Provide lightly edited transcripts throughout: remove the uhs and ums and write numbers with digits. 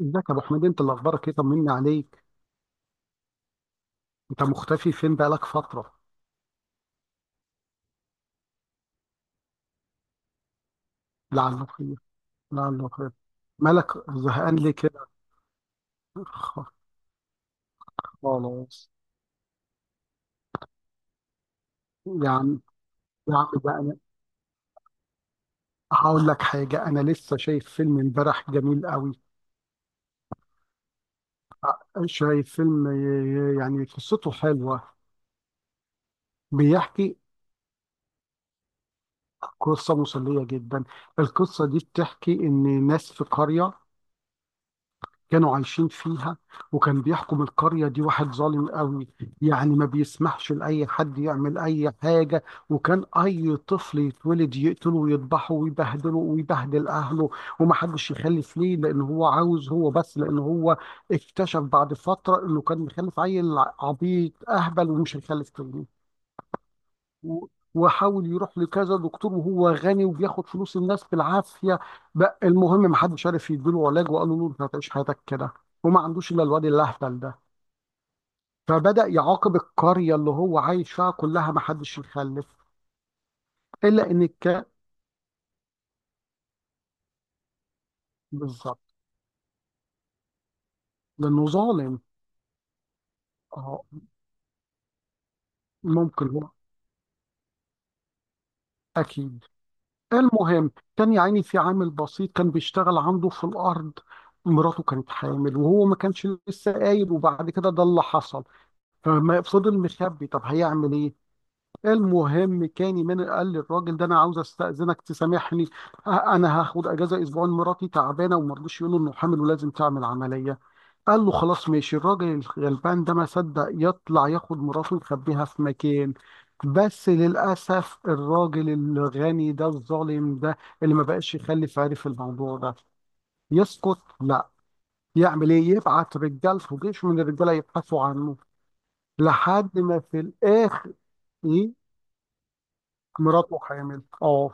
ازيك يا ابو حميد؟ انت اللي اخبارك ايه؟ طمني عليك. انت مختفي فين؟ بقالك فتره. لعله خير. لعله خير. مالك زهقان ليه كده؟ خلاص. يا عم، يا عم بقى انا هقول لك حاجه. انا لسه شايف فيلم امبارح جميل قوي. شايف فيلم، آه، يعني قصته حلوه. بيحكي قصه مسليه جدا. القصه دي بتحكي ان ناس في قريه كانوا عايشين فيها، وكان بيحكم القرية دي واحد ظالم قوي. يعني ما بيسمحش لأي حد يعمل أي حاجة، وكان أي طفل يتولد يقتله ويذبحه ويبهدله ويبهدل أهله ومحدش يخلف ليه، لأن هو عاوز هو بس. لأن هو اكتشف بعد فترة إنه كان مخلف عيل عبيط أهبل ومش هيخلف تاني. و- وحاول يروح لكذا دكتور، وهو غني وبياخد فلوس الناس بالعافيه. بقى المهم ما حدش عارف يديله علاج، وقالوا له انت هتعيش حياتك كده وما عندوش الا الواد الاهبل ده. فبدا يعاقب القريه اللي هو عايش فيها كلها، ما حدش يخلف الا ان بالظبط لانه ظالم. اه، ممكن هو. اكيد. المهم كان يا عيني في عامل بسيط كان بيشتغل عنده في الارض. مراته كانت حامل وهو ما كانش لسه قايل، وبعد كده ده اللي حصل. ففضل مخبي، طب هيعمل ايه؟ المهم كاني من قال للراجل ده انا عاوز استاذنك تسامحني. انا هاخد اجازه اسبوعين، مراتي تعبانه وما رضوش يقولوا انه حامل ولازم تعمل عمليه. قال له خلاص ماشي. الراجل الغلبان ده ما صدق يطلع ياخد مراته ويخبيها في مكان. بس للاسف الراجل الغني ده الظالم ده اللي ما بقاش يخلف عرف الموضوع ده. يسكت؟ لا. يعمل ايه؟ يبعت رجالته جيش من الرجاله يبحثوا عنه. لحد ما في الاخر، ايه، مراته حامل. اه،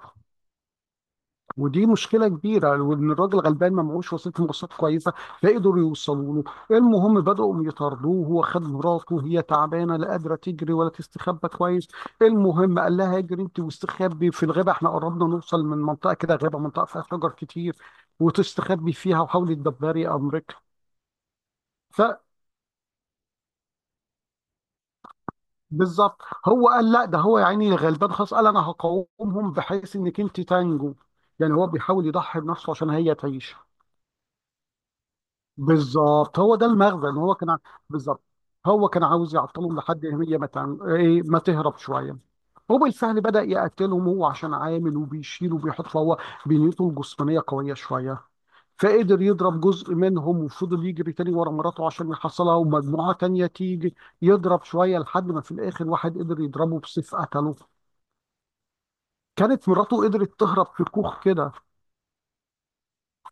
ودي مشكله كبيره، وان الراجل غلبان ما معهوش وسيله مواصلات كويسه. لا قدروا يوصلوا له. المهم بداوا يطاردوه. هو خد مراته، هي تعبانه، لا قادره تجري ولا تستخبى كويس. المهم قال لها اجري انت واستخبي في الغابه، احنا قربنا نوصل من منطقه كده غابه، منطقه فيها شجر كتير وتستخبي فيها وحاولي تدبري امرك. ف بالظبط. هو قال لا، ده هو يا عيني غلبان خلاص، قال انا هقاومهم بحيث انك انت تنجو. يعني هو بيحاول يضحي بنفسه عشان هي تعيش. بالظبط. هو ده المغزى، ان هو كان بالظبط. هو كان عاوز يعطلهم لحد إن هي ما تعمل ايه، ما تهرب شويه. وبالفعل بدأ يقتلهم هو عشان عامل وبيشيل وبيحط، فهو بنيته الجسمانيه قويه شويه. فقدر يضرب جزء منهم وفضل يجري تاني ورا مراته عشان يحصلها، ومجموعه تانيه تيجي يضرب شويه، لحد ما في الاخر واحد قدر يضربه بسيف قتله. كانت مراته قدرت تهرب في كوخ كده.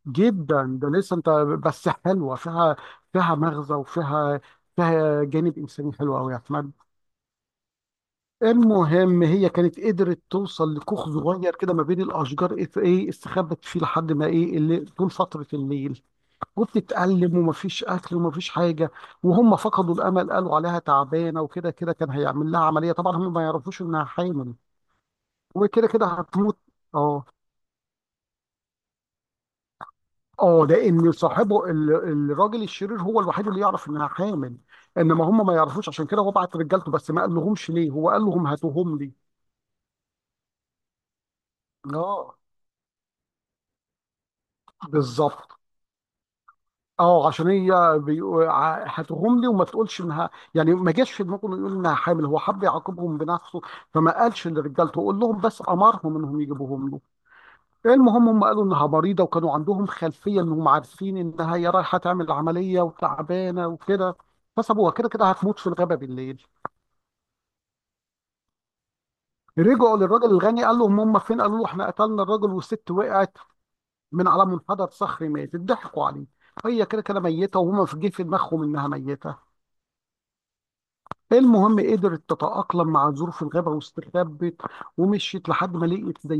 جدا ده لسه انت. بس حلوه فيها، فيها مغزى وفيها، فيها جانب انساني حلو قوي يا احمد. المهم هي كانت قدرت توصل لكوخ صغير كده ما بين الاشجار، ايه، إيه، استخبت فيه لحد ما، ايه اللي طول فتره الليل وبتتألم ومفيش اكل ومفيش حاجه. وهم فقدوا الامل، قالوا عليها تعبانه وكده كده كان هيعمل لها عمليه طبعا، هم ما يعرفوش انها حامل وكده كده هتموت. اه. اه، لان صاحبه الراجل الشرير هو الوحيد اللي يعرف انها حامل. انما هم ما يعرفوش، عشان كده هو بعت رجالته بس ما قال لهمش ليه، هو قال لهم هاتوهم لي. اه. بالظبط. اه، عشان هي هاتوهم لي وما تقولش انها، يعني ما جاش في دماغه انه يقول انها حامل، هو حب يعاقبهم بنفسه. فما قالش لرجالته قول لهم بس، امرهم انهم يجيبوهم له. المهم هم قالوا انها مريضه، وكانوا عندهم خلفيه انهم عارفين انها هي رايحه تعمل عمليه وتعبانه وكده. فسابوها كده كده هتموت في الغابه بالليل. رجعوا للراجل الغني، قال لهم هم فين، قالوا له احنا قتلنا الراجل والست وقعت من على منحدر صخري ماتت. ضحكوا عليه، هي كده كده ميته، وهم في جه في دماغهم انها ميته. المهم قدرت تتأقلم مع ظروف الغابة، واستخبت ومشيت لحد ما لقيت زي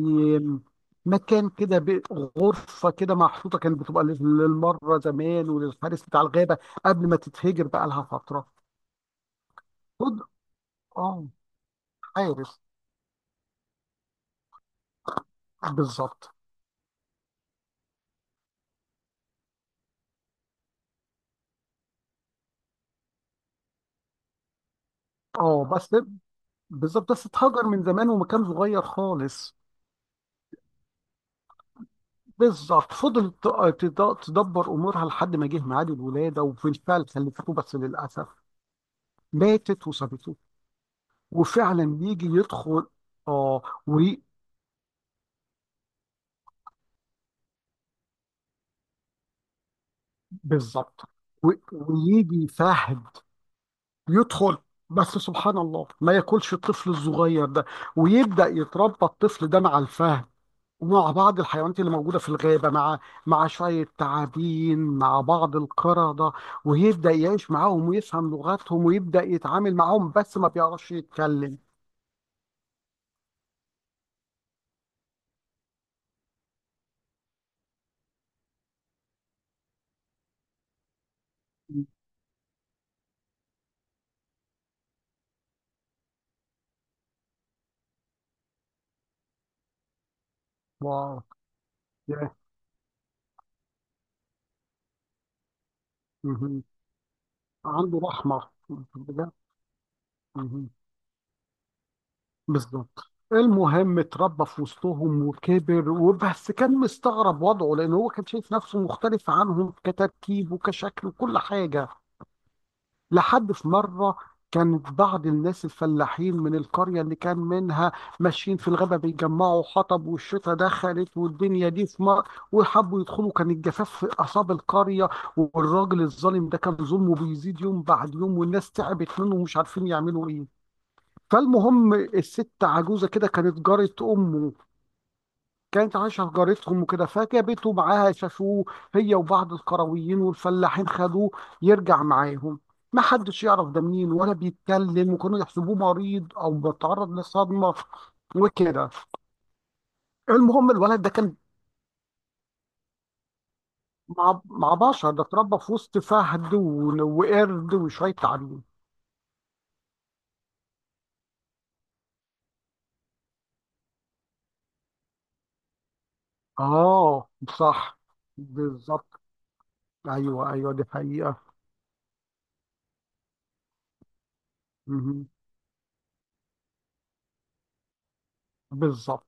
مكان كده، غرفة كده محطوطة كانت بتبقى للمرة زمان وللحارس بتاع الغابة، قبل ما تتهجر بقى لها فترة. خد- اه. حارس، بالظبط. اه بس، بالظبط بس اتهجر من زمان، ومكان صغير خالص. بالظبط. فضلت تدبر امورها لحد ما جه ميعاد الولاده، وبالفعل خلفته، بس للاسف ماتت وسابته. وفعلا يجي يدخل. اه. وي- بالظبط. و- ويجي فهد يدخل، بس سبحان الله ما ياكلش الطفل الصغير ده. ويبدا يتربى الطفل ده مع الفهد، مع بعض الحيوانات اللي موجودة في الغابة، مع شوية تعابين مع بعض القردة. ويبدأ يعيش معاهم ويفهم لغتهم ويبدأ يتعامل معاهم بس ما بيعرفش يتكلم. واو. ياه. مهم. عنده رحمة. بجد. مهم. بالظبط. المهم اتربى في وسطهم وكبر، وبس كان مستغرب وضعه لأن هو كان شايف نفسه مختلف عنهم كتركيب وكشكل وكل حاجة. لحد في مرة كانت بعض الناس الفلاحين من القرية اللي كان منها ماشيين في الغابة بيجمعوا حطب، والشتا دخلت والدنيا دي في مر وحبوا يدخلوا، كان الجفاف في أعصاب القرية. والراجل الظالم ده كان ظلمه بيزيد يوم بعد يوم، والناس تعبت منه ومش عارفين يعملوا إيه. فالمهم الست عجوزة كده كانت جارة أمه، كانت عايشة في جارتهم وكده، فجابته معاها. شافوه هي وبعض القرويين والفلاحين، خدوه يرجع معاهم. ما حدش يعرف ده منين ولا بيتكلم، وكانوا يحسبوه مريض او بيتعرض لصدمة وكده. المهم الولد ده كان مع بشر. ده اتربى في وسط فهد ون- وقرد وشوية تعابين. اه. صح. بالظبط. ايوه ايوه دي حقيقة. مهم. بالظبط.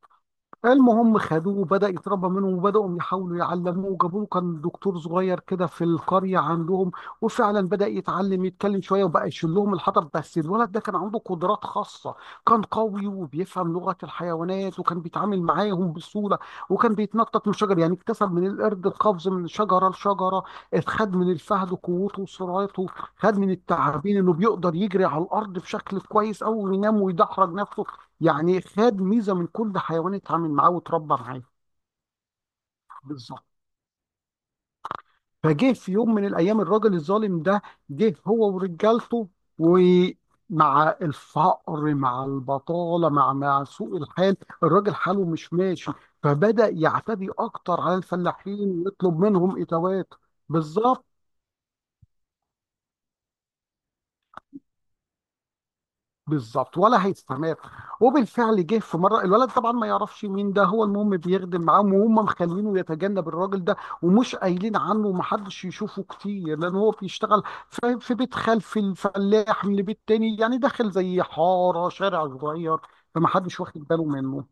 المهم خدوه وبدأ يتربى منهم، وبدأوا يحاولوا يعلموه وجابوا له كان دكتور صغير كده في القرية عندهم. وفعلا بدأ يتعلم يتكلم شوية، وبقى يشيل لهم الحطب. بس الولد ده كان عنده قدرات خاصة. كان قوي وبيفهم لغة الحيوانات وكان بيتعامل معاهم بسهولة. وكان بيتنطط من شجر، يعني اكتسب من القرد القفز من شجرة لشجرة، اتخد من الفهد قوته وسرعته، خد من التعابين انه بيقدر يجري على الأرض بشكل كويس أوي وينام ويدحرج نفسه. يعني خد ميزه من كل حيوان اتعامل معاه واتربى معاه. بالظبط. فجه في يوم من الايام الراجل الظالم ده، جه هو ورجالته. ومع الفقر مع البطاله مع سوء الحال، الراجل حاله مش ماشي. فبدأ يعتدي اكتر على الفلاحين ويطلب منهم اتاوات. بالظبط. بالظبط ولا هيستمر. وبالفعل جه في مره، الولد طبعا ما يعرفش مين ده، هو المهم بيخدم معاهم وهم مخلينه يتجنب الراجل ده، ومش قايلين عنه ومحدش يشوفه كتير لان هو بيشتغل في بيت خلف الفلاح من بيت تاني، يعني داخل زي حاره شارع صغير. فمحدش واخد باله منه،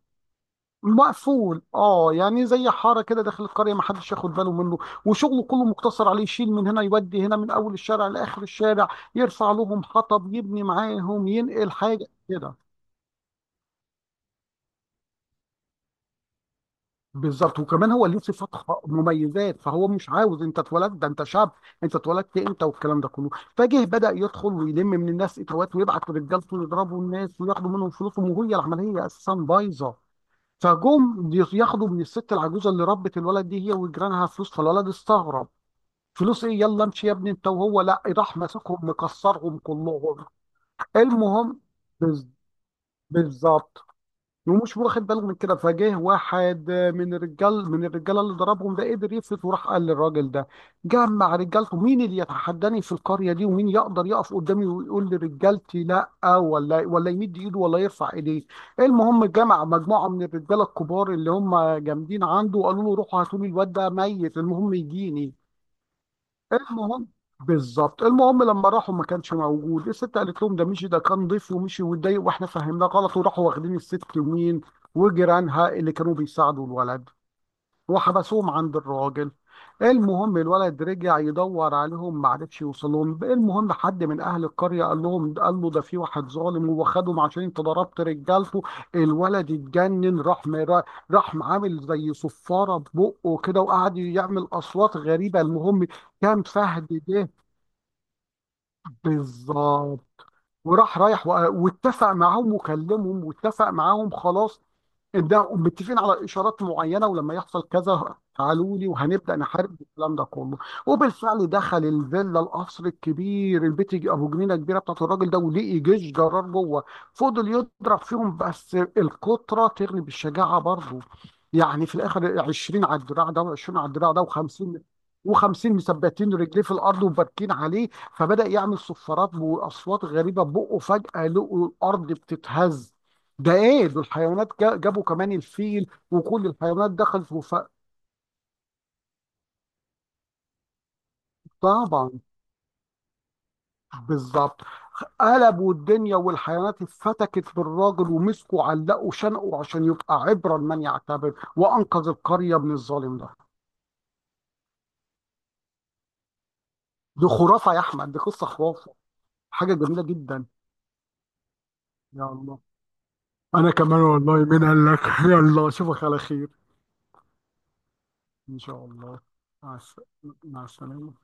مقفول، اه، يعني زي حاره كده داخل القريه ما حدش ياخد باله منه. وشغله كله مقتصر عليه يشيل من هنا يودي هنا، من اول الشارع لاخر الشارع، يرفع لهم حطب يبني معاهم ينقل حاجه كده. بالظبط. وكمان هو ليه صفات مميزات، فهو مش عاوز. انت اتولدت ده، انت شاب، انت اتولدت امتى، والكلام ده كله. فجه بدأ يدخل ويلم من الناس اتوات، ويبعت رجالته يضربوا الناس وياخدوا منهم فلوسهم، وهي العمليه اساسا بايظه. فجم ياخدوا من الست العجوزه اللي ربت الولد دي هي وجيرانها فلوس، فالولد استغرب فلوس ايه يلا امشي يا ابني انت وهو، لا راح ماسكهم مكسرهم كلهم. المهم بز- بالظبط. ومش واخد باله من كده. فجه واحد من الرجال من الرجاله اللي ضربهم ده قدر يفلت وراح قال للراجل ده، جمع رجالته، مين اللي يتحداني في القريه دي، ومين يقدر يقف قدامي ويقول لرجالتي لا، ولا يمد ايده ولا يرفع ايديه. المهم جمع مجموعه من الرجاله الكبار اللي هم جامدين عنده، وقالوا له روحوا هاتوا لي الواد ده ميت، المهم يجيني. المهم. بالظبط. المهم لما راحوا ما كانش موجود، الست قالت لهم ده مشي، ده كان ضيف ومشي واتضايق واحنا فهمناه غلط. وراحوا واخدين الست يمين وجيرانها اللي كانوا بيساعدوا الولد، وحبسوهم عند الراجل. المهم الولد رجع يدور عليهم ما عرفش يوصلهم، المهم حد من اهل القريه قال لهم، قال له ده في واحد ظالم وخدهم عشان انت ضربت رجالته. الولد اتجنن، راح عامل زي صفاره ببقه كده وقعد يعمل اصوات غريبه. المهم كان فهد ده. بالظبط. وراح رايح واتفق معاهم وكلمهم واتفق معاهم خلاص، ان ده متفقين على اشارات معينه ولما يحصل كذا تعالوا لي وهنبدا نحارب الكلام ده كله. وبالفعل دخل الفيلا، القصر الكبير، البيت ابو جنينه كبيره بتاعت الراجل ده، ولقي جيش جرار جوه. فضل يضرب فيهم، بس القطره تغلب بالشجاعه برضه. يعني في الاخر 20 على الدراع ده و20 على الدراع ده و50 و50 مثبتين رجليه في الارض وباركين عليه. فبدأ يعمل صفارات وأصوات غريبة بقه، فجأة لقوا الأرض بتتهز، ده إيه دول؟ الحيوانات جابوا كمان الفيل وكل الحيوانات دخلت. وف... طبعا. بالظبط. قلبوا الدنيا، والحيوانات اتفتكت بالراجل ومسكوا علقوا شنقوا عشان يبقى عبرة لمن يعتبر، وأنقذ القرية من الظالم ده. دي خرافة يا أحمد، دي قصة خرافة. حاجة جميلة جدا. يا الله. أنا كمان والله، مين قال لك. يلا أشوفك على خير. إن شاء الله. مع الس- مع السلامة.